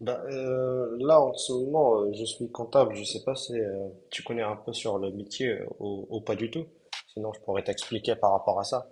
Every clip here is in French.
Bah, là, en ce moment, je suis comptable. Je sais pas si tu connais un peu sur le métier ou pas du tout. Sinon, je pourrais t'expliquer par rapport à ça.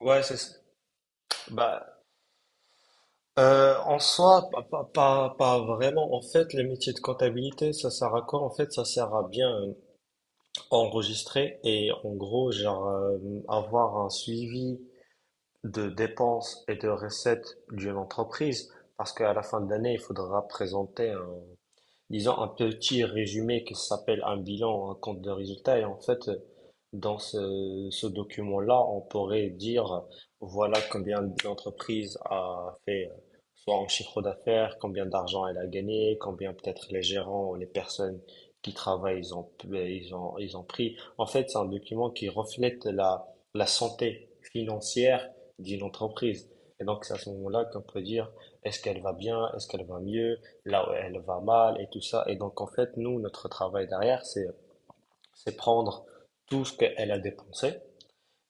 Ouais, c'est ça. Bah, en soi, pas vraiment. En fait, le métier de comptabilité, ça sert à quoi? En fait, ça sert à bien enregistrer et en gros, genre, avoir un suivi de dépenses et de recettes d'une entreprise. Parce qu'à la fin de l'année, il faudra présenter disons, un petit résumé qui s'appelle un bilan, un compte de résultat. Et en fait, dans ce document-là, on pourrait dire, voilà combien l'entreprise a fait, soit en chiffre d'affaires, combien d'argent elle a gagné, combien peut-être les gérants ou les personnes qui travaillent, ils ont pris. En fait, c'est un document qui reflète la santé financière d'une entreprise. Et donc, c'est à ce moment-là qu'on peut dire, est-ce qu'elle va bien, est-ce qu'elle va mieux, là où elle va mal et tout ça. Et donc, en fait, nous, notre travail derrière, c'est prendre tout ce qu'elle a dépensé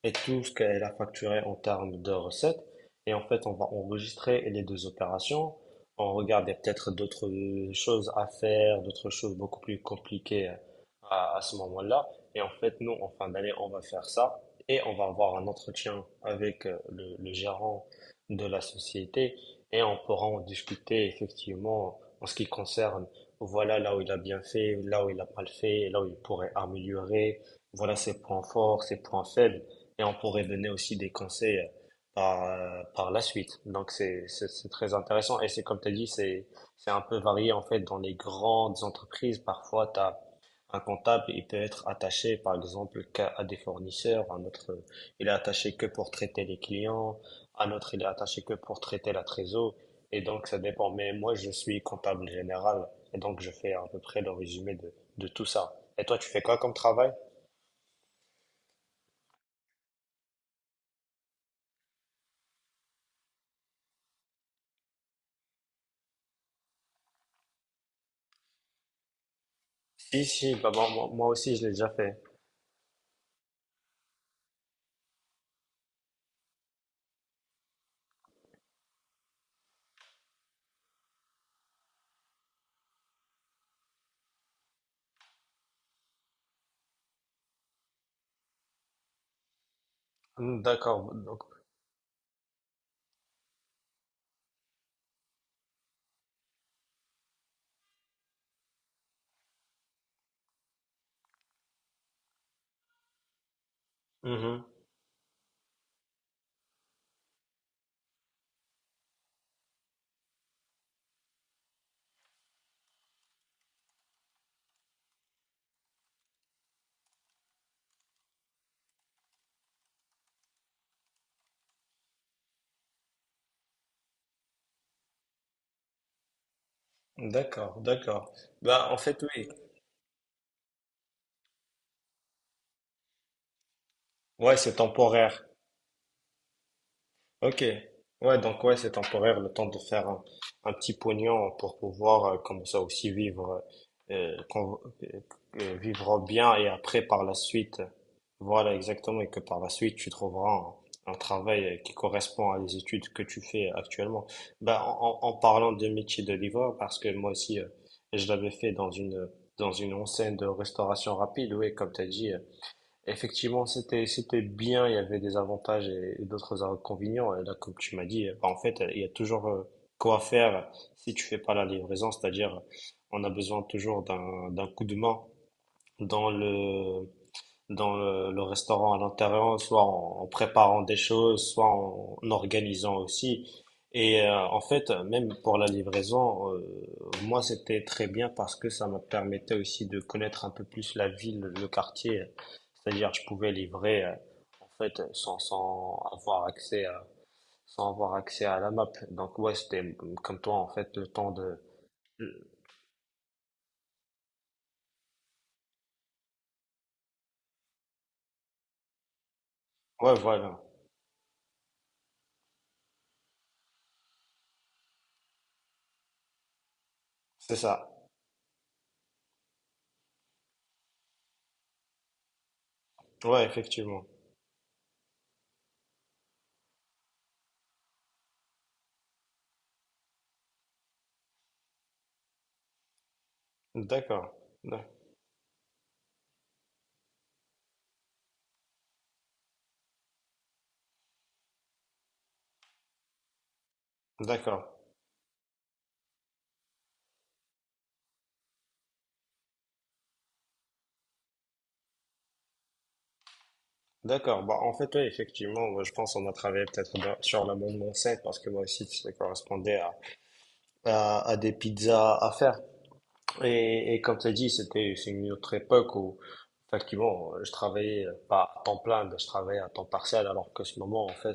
et tout ce qu'elle a facturé en termes de recettes. Et en fait, on va enregistrer les deux opérations. On regarde, il y a peut-être d'autres choses à faire, d'autres choses beaucoup plus compliquées à ce moment-là. Et en fait, nous, en fin d'année, on va faire ça et on va avoir un entretien avec le gérant de la société et on pourra en discuter effectivement en ce qui concerne, voilà là où il a bien fait, là où il a mal fait, là où il pourrait améliorer, voilà ses points forts, ses points faibles et on pourrait donner aussi des conseils par la suite. Donc c'est très intéressant et c'est comme tu as dit, c'est un peu varié en fait dans les grandes entreprises. Parfois, tu as un comptable, il peut être attaché par exemple qu'à à des fournisseurs, un autre il est attaché que pour traiter les clients, un autre il est attaché que pour traiter la trésor et donc ça dépend. Mais moi, je suis comptable général et donc je fais à peu près le résumé de tout ça. Et toi, tu fais quoi comme travail? Si, si, bah, bon, moi aussi, je l'ai déjà fait. Hmm, d'accord, donc, mhm, d'accord, d'accord. Bah, en fait, oui. Ouais, c'est temporaire. Ok, ouais, donc ouais, c'est temporaire, le temps de faire un petit pognon pour pouvoir comme ça aussi vivre, euh, qu'on- euh, vivre bien et après par la suite, voilà exactement, et que par la suite tu trouveras un travail qui correspond à les études que tu fais actuellement. Bah, en parlant de métier de livreur, parce que moi aussi, je l'avais fait dans une enseigne de restauration rapide, oui, comme tu as dit. Effectivement, c'était bien, il y avait des avantages et d'autres inconvénients. Et là, comme tu m'as dit, bah, en fait, il y a toujours quoi faire si tu fais pas la livraison, c'est-à-dire on a besoin toujours d'un d'un coup de main dans le dans le restaurant à l'intérieur, soit en préparant des choses, soit en organisant aussi. Et en fait, même pour la livraison, moi c'était très bien parce que ça me permettait aussi de connaître un peu plus la ville, le quartier. C'est-à-dire, je pouvais livrer en fait sans avoir accès à la map. Donc ouais, c'était comme toi en fait le temps de. Ouais, voilà, c'est ça. Ouais, effectivement. D'accord. D'accord. D'accord. Bah, en fait, oui, effectivement, moi, je pense qu'on a travaillé peut-être sur l'amendement 5 parce que moi aussi, ça correspondait à des pizzas à faire. Et comme tu as dit, c'est une autre époque où, effectivement, je travaillais pas à temps plein, mais je travaillais à temps partiel, alors que ce moment, en fait,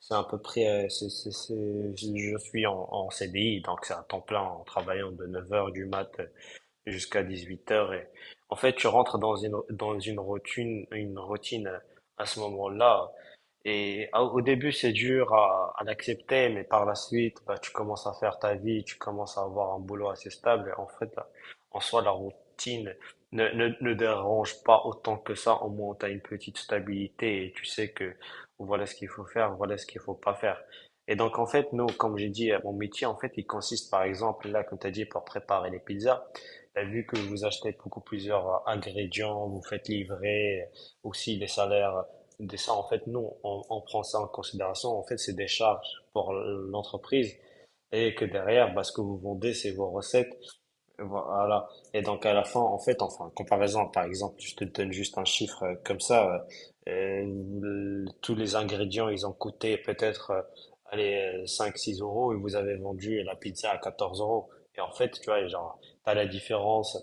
c'est à peu près, c'est- je suis en CDI, donc c'est à temps plein en travaillant de 9 heures du mat jusqu'à 18 heures et en fait, tu rentres dans une routine à ce moment-là et au début, c'est dur à l'accepter, mais par la suite, bah, tu commences à faire ta vie, tu commences à avoir un boulot assez stable et en fait, en soi, la routine ne dérange pas autant que ça, au moins tu as une petite stabilité et tu sais que voilà ce qu'il faut faire, voilà ce qu'il faut pas faire. Et donc, en fait, nous, comme j'ai dit, mon métier, en fait, il consiste, par exemple, là, comme tu as dit, pour préparer les pizzas. Bah, vu que vous achetez beaucoup plusieurs ingrédients, vous faites livrer aussi les salaires, des ça, en fait, nous on prend ça en considération. En fait, c'est des charges pour l'entreprise et que derrière, bah, ce que vous vendez, c'est vos recettes. Voilà. Et donc, à la fin, en fait, enfin, en comparaison, par exemple, je te donne juste un chiffre comme ça, tous les ingrédients, ils ont coûté peut-être, allez, 5-6 € et vous avez vendu la pizza à 14 euros. Et en fait, tu vois, genre, t'as la différence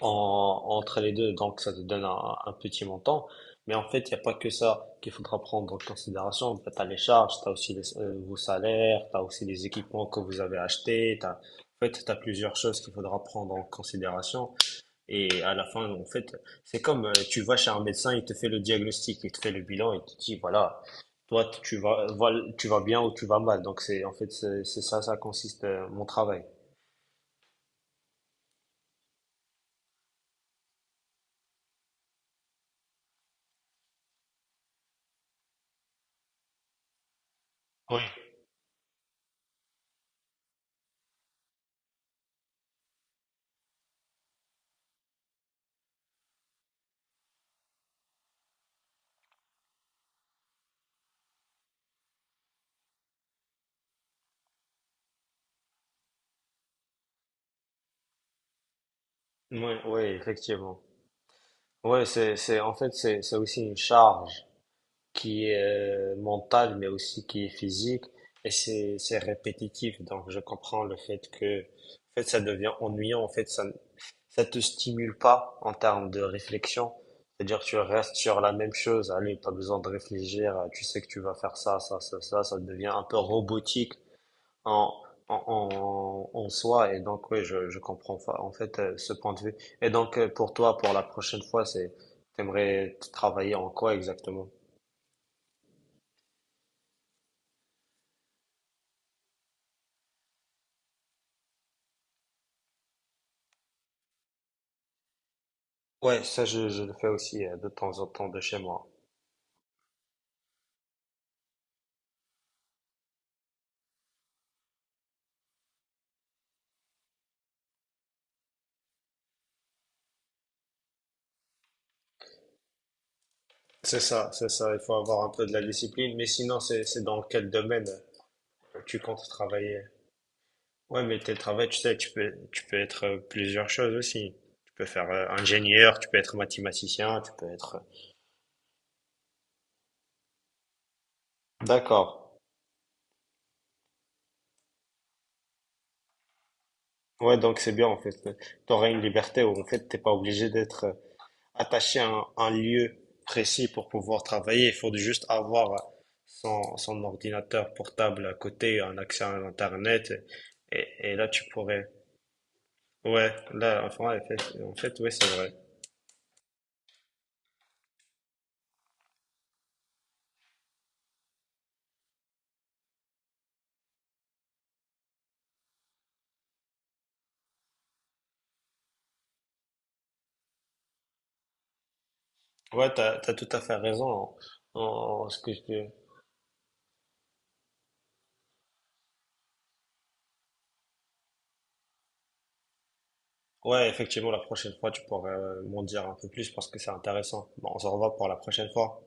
entre les deux, donc ça te donne un petit montant. Mais en fait, il n'y a pas que ça qu'il faudra prendre en considération. En fait, tu as les charges, tu as aussi vos salaires, tu as aussi les équipements que vous avez achetés. En fait, tu as plusieurs choses qu'il faudra prendre en considération. Et à la fin, en fait, c'est comme tu vas chez un médecin, il te fait le diagnostic, il te fait le bilan, il te dit, voilà, toi, tu vas, voilà, tu vas bien ou tu vas mal. Donc, c'est, en fait, c'est ça, ça consiste, mon travail. Oui. Oui, oui, effectivement. Ouais, en fait, c'est aussi une charge qui est mentale, mais aussi qui est physique, et c'est répétitif. Donc, je comprends le fait que, en fait, ça devient ennuyant. En fait, ça te stimule pas en termes de réflexion. C'est-à-dire, que tu restes sur la même chose. Allez, pas besoin de réfléchir. Tu sais que tu vas faire ça, ça, ça, ça. Ça devient un peu robotique en, en soi. Et donc, oui, je comprends en fait ce point de vue. Et donc, pour toi, pour la prochaine fois, t'aimerais travailler en quoi exactement? Ouais, ça, je le fais aussi de temps en temps de chez moi. C'est ça, c'est ça. Il faut avoir un peu de la discipline. Mais sinon, c'est dans quel domaine tu comptes travailler? Ouais, mais tes travail, tu sais, tu peux être plusieurs choses aussi. Tu peux faire ingénieur, tu peux être mathématicien, tu peux être... D'accord. Ouais, donc c'est bien en fait. Tu auras une liberté où en fait t'es pas obligé d'être attaché à un lieu précis pour pouvoir travailler. Il faut juste avoir son ordinateur portable à côté, un accès à l'internet et là tu pourrais. Ouais, là enfin ouais, en fait ouais c'est vrai. Ouais, t'as tout à fait raison en en ce que je. Ouais, effectivement la prochaine fois tu pourrais m'en dire un peu plus parce que c'est intéressant. Bon, on se revoit pour la prochaine fois.